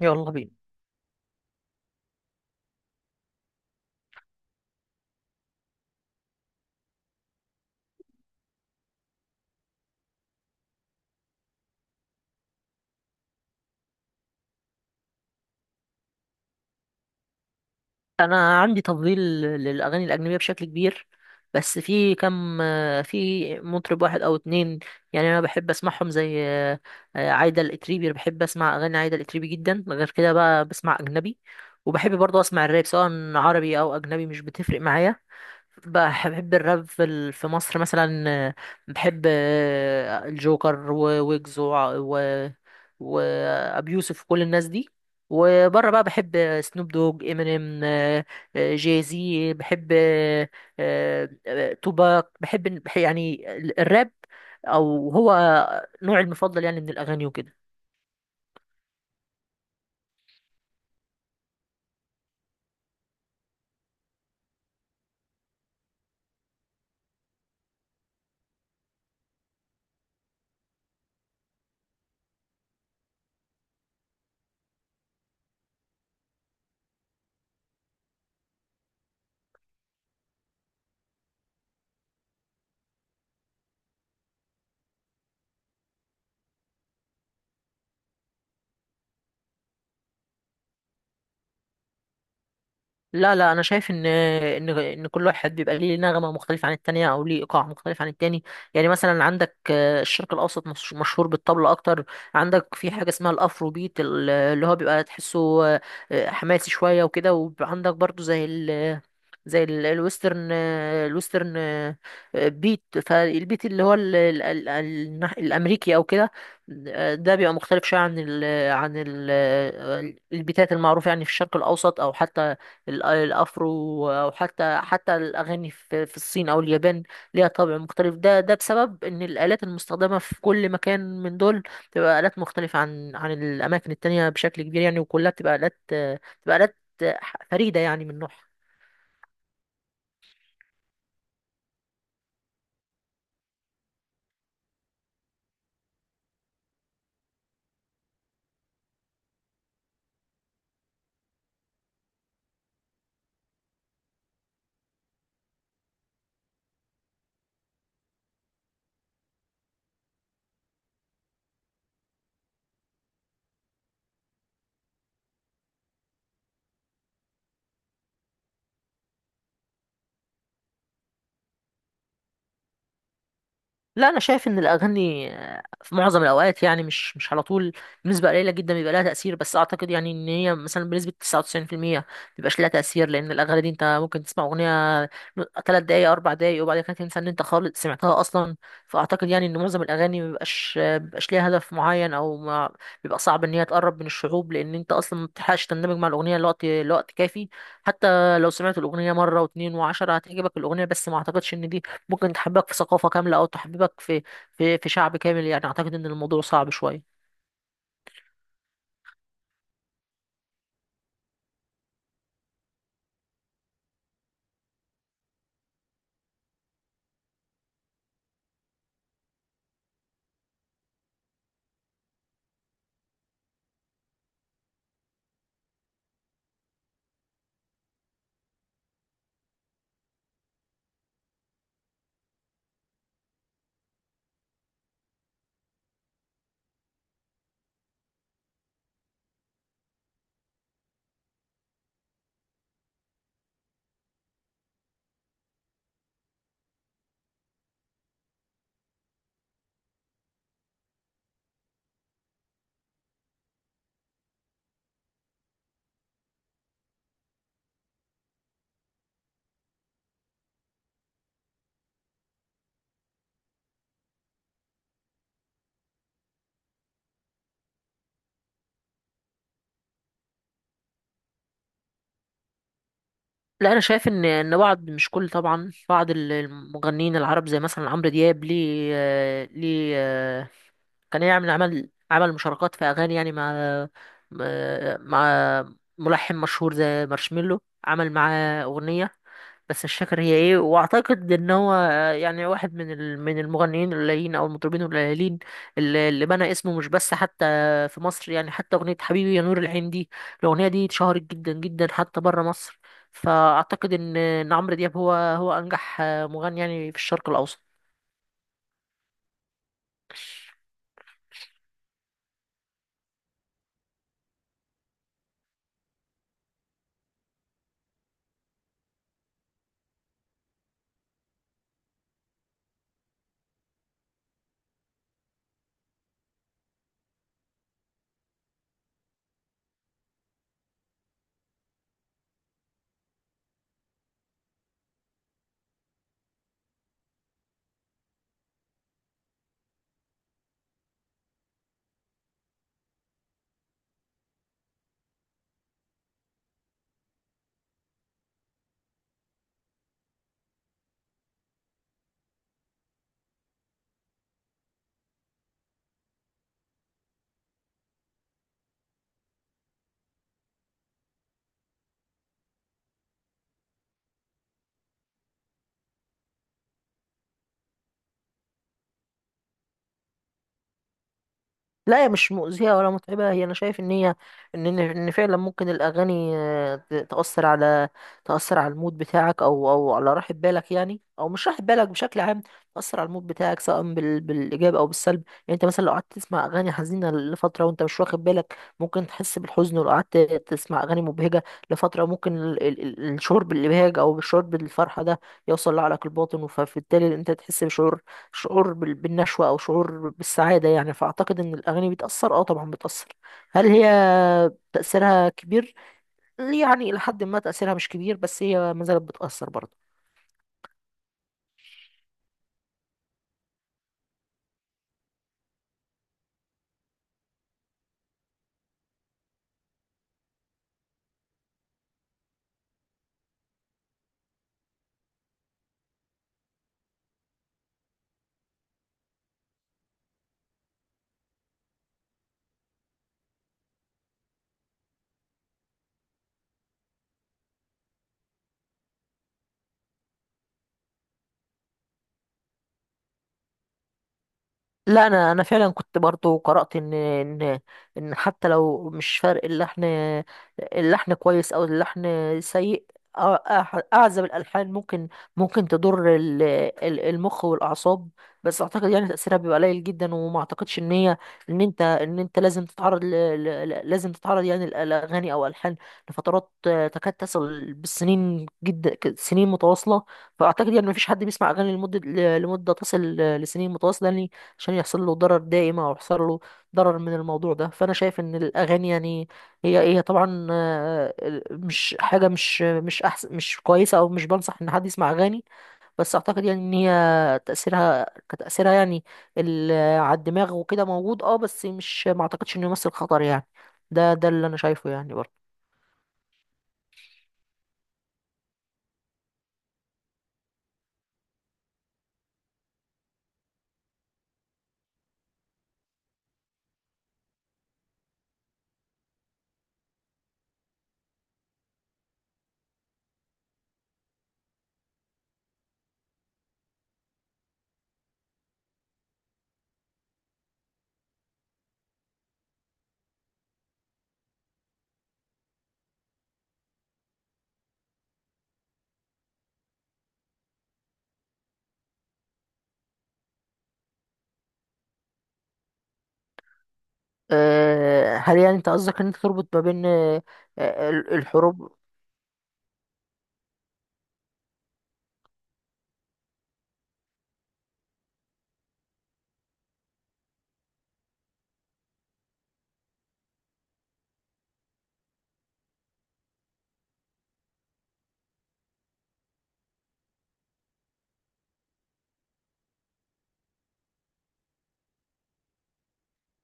يلا بينا. انا عندي تفضيل للاغاني الاجنبيه بشكل كبير، بس في كم، في مطرب واحد او اتنين. يعني انا بحب اسمعهم زي عايده الاتريبي، بحب اسمع اغاني عايده الاتريبي جدا. غير كده بقى بسمع اجنبي. وبحب برضه اسمع الراب سواء عربي او اجنبي، مش بتفرق معايا. بحب الراب في مصر مثلا. بحب الجوكر وويجز وع- و وابي يوسف، كل الناس دي. وبره بقى بحب سنوب دوج، امينيم، جاي زي، بحب توباك. بحب بح- يعني ال- الراب او هو نوعي المفضل يعني من الاغاني وكده. لا لا، انا شايف ان كل واحد بيبقى ليه نغمه مختلفه عن التانية، او ليه ايقاع مختلف عن التاني. يعني مثلا عندك الشرق الاوسط مشهور بالطبل اكتر. عندك في حاجه اسمها الافرو بيت، اللي هو بيبقى تحسه حماسي شويه وكده. وعندك برضو زي ال الويسترن. الويسترن بيت فالبيت، اللي هو الامريكي او كده. ده بيبقى مختلف شويه عن ال البيتات المعروفه يعني في الشرق الاوسط، او حتى الافرو، او حتى الاغاني في الصين او اليابان. ليها طابع مختلف، ده بسبب ان الالات المستخدمه في كل مكان من دول بتبقى الات مختلفه عن الاماكن التانية بشكل كبير يعني. وكلها بتبقى الات فريده يعني من نوعها. لا انا شايف ان الاغاني في معظم الاوقات، يعني مش على طول، بنسبه قليله جدا بيبقى لها تاثير. بس اعتقد يعني ان هي مثلا بنسبه 99% ما بيبقاش لها تاثير، لان الاغاني دي انت ممكن تسمع اغنيه 3 دقائق 4 دقائق وبعد كده تنسى ان انت خالص سمعتها اصلا. فاعتقد يعني ان معظم الاغاني ما بيبقاش ليها هدف معين، او ما بيبقى صعب ان هي تقرب من الشعوب، لان انت اصلا ما بتلحقش تندمج مع الاغنيه لوقت كافي. حتى لو سمعت الاغنيه مره واتنين وعشرة هتعجبك الاغنيه، بس ما اعتقدش ان دي ممكن تحببك في ثقافة كاملة، أو تحببك في شعب كامل يعني. أعتقد إن الموضوع صعب شوية. لا أنا شايف إن بعض مش كل طبعا، بعض المغنيين العرب زي مثلا عمرو دياب ليه. كان يعمل عمل مشاركات في أغاني يعني مع مع ملحن مشهور زي مارشميلو، عمل معاه أغنية، بس مش فاكر هي ايه. واعتقد ان هو يعني واحد من المغنيين القليلين او المطربين القليلين اللي بنى اسمه مش بس حتى في مصر يعني. حتى اغنيه حبيبي يا نور العين دي، الاغنيه دي اتشهرت جدا جدا حتى بره مصر. فاعتقد ان عمرو دياب هو انجح مغني يعني في الشرق الاوسط. لا هي مش مؤذية ولا متعبة، هي أنا شايف إن هي إن فعلا ممكن الأغاني تأثر على المود بتاعك، أو على راحة بالك يعني، أو مش راحة بالك بشكل عام. تأثر على المود بتاعك سواء بالإيجاب أو بالسلب يعني. أنت مثلا لو قعدت تسمع أغاني حزينة لفترة وأنت مش واخد بالك ممكن تحس بالحزن، ولو قعدت تسمع أغاني مبهجة لفترة ممكن الشعور بالإبهاج أو الشعور بالفرحة ده يوصل لعقلك الباطن. فبالتالي أنت تحس بشعور، شعور بالنشوة أو شعور بالسعادة يعني. فأعتقد إن الأغاني بتأثر، أه طبعا بتأثر. هل هي تأثيرها كبير؟ يعني إلى حد ما تأثيرها مش كبير، بس هي ما زالت بتأثر برضه. لا انا فعلا كنت برضو قرأت ان ان حتى لو مش فرق اللحن، اللحن كويس او اللحن سيء. أع- اعزب الالحان ممكن، ممكن تضر المخ والاعصاب. بس اعتقد يعني تأثيرها بيبقى قليل جدا، وما اعتقدش ان هي ان انت لازم تتعرض لازم تتعرض يعني الاغاني او الالحان لفترات تكاد تصل بالسنين جدا، سنين متواصلة. فاعتقد يعني مفيش حد بيسمع اغاني لمدة، لمدة تصل لسنين متواصلة يعني، عشان يحصل له ضرر دائم، او يحصل له ضرر من الموضوع ده. فانا شايف ان الاغاني يعني هي طبعا مش حاجه مش احسن، مش كويسه، او مش بنصح ان حد يسمع اغاني. بس اعتقد يعني ان هي تاثيرها كتاثيرها يعني على الدماغ وكده موجود، اه بس مش، ما اعتقدش انه يمثل خطر يعني. ده اللي انا شايفه يعني برضه. هل يعني انت قصدك ان انت تربط ما بين الحروب؟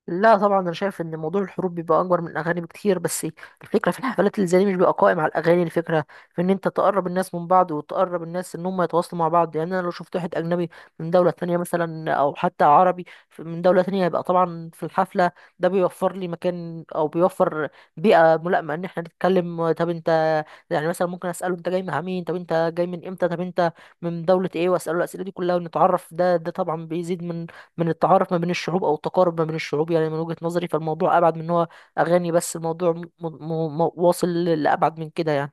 لا طبعا انا شايف ان موضوع الحروب بيبقى اكبر من الاغاني بكتير. بس الفكره في الحفلات اللي زي دي مش بيبقى قائم على الاغاني، الفكره في ان انت تقرب الناس من بعض، وتقرب الناس ان هم يتواصلوا مع بعض يعني. انا لو شفت واحد اجنبي من دوله تانية مثلا، او حتى عربي من دوله تانية، يبقى طبعا في الحفله ده بيوفر لي مكان، او بيوفر بيئه ملائمه ان احنا نتكلم. طب انت، يعني مثلا ممكن اساله: انت جاي مع مين؟ طب انت جاي من امتى؟ طب انت من دوله ايه؟ واساله الاسئله دي كلها ونتعرف. ده طبعا بيزيد من التعارف ما بين الشعوب، او التقارب ما بين الشعوب يعني من وجهة نظري. فالموضوع ابعد من إن هو اغاني بس، الموضوع واصل لابعد من كده يعني.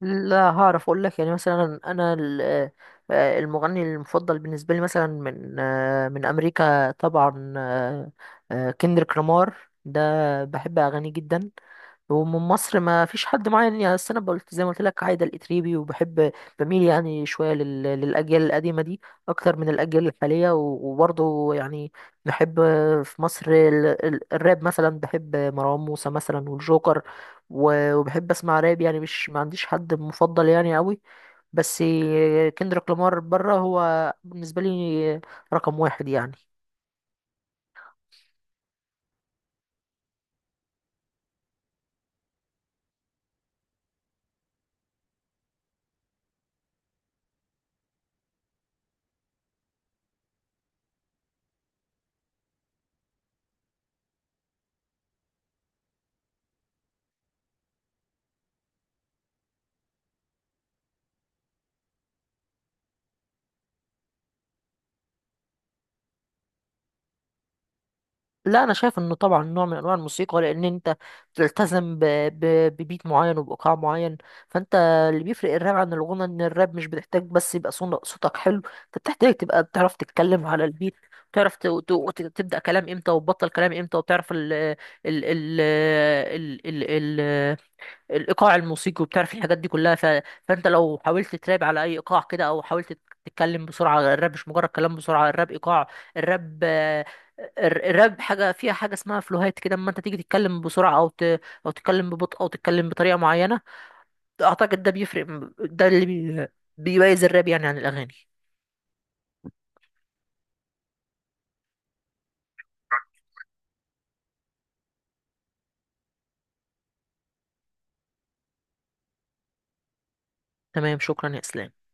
لا هعرف اقول لك. يعني مثلا انا المغني المفضل بالنسبه لي مثلا من من امريكا طبعا كندريك لامار، ده بحب اغانيه جدا. ومن مصر ما فيش حد معين يعني، أصل انا قلت زي ما قلت لك عايده الاتريبي، وبحب، بميل يعني شويه للاجيال القديمه دي اكتر من الاجيال الحاليه. و- وبرضه يعني بحب في مصر الراب مثلا، بحب مروان موسى مثلا والجوكر، وبحب اسمع راب يعني. مش، ما عنديش حد مفضل يعني قوي، بس كندريك لامار بره هو بالنسبه لي رقم واحد يعني. لا انا شايف انه طبعا نوع من انواع الموسيقى، لان انت بتلتزم ب... ببيت معين وبايقاع معين. فانت اللي بيفرق الراب عن الغنى ان الراب مش بتحتاج بس يبقى صوتك حلو، انت بتحتاج تبقى بتعرف تتكلم على البيت، بتعرف تبدأ كلام امتى وتبطل كلام امتى، وبتعرف ال... ال... ال... ال... الايقاع الموسيقي، وبتعرف الحاجات دي كلها. فانت لو حاولت تراب على اي ايقاع كده، او حاولت تتكلم بسرعه، الراب مش مجرد كلام بسرعه، الراب ايقاع. الراب الراب حاجه فيها حاجه اسمها فلوهات كده، اما انت تيجي تتكلم بسرعه او تتكلم ببطء، او تتكلم بطريقه معينه، اعتقد ده بيفرق. ده اللي بيميز الراب يعني عن الاغاني. تمام، شكرا يا اسلام.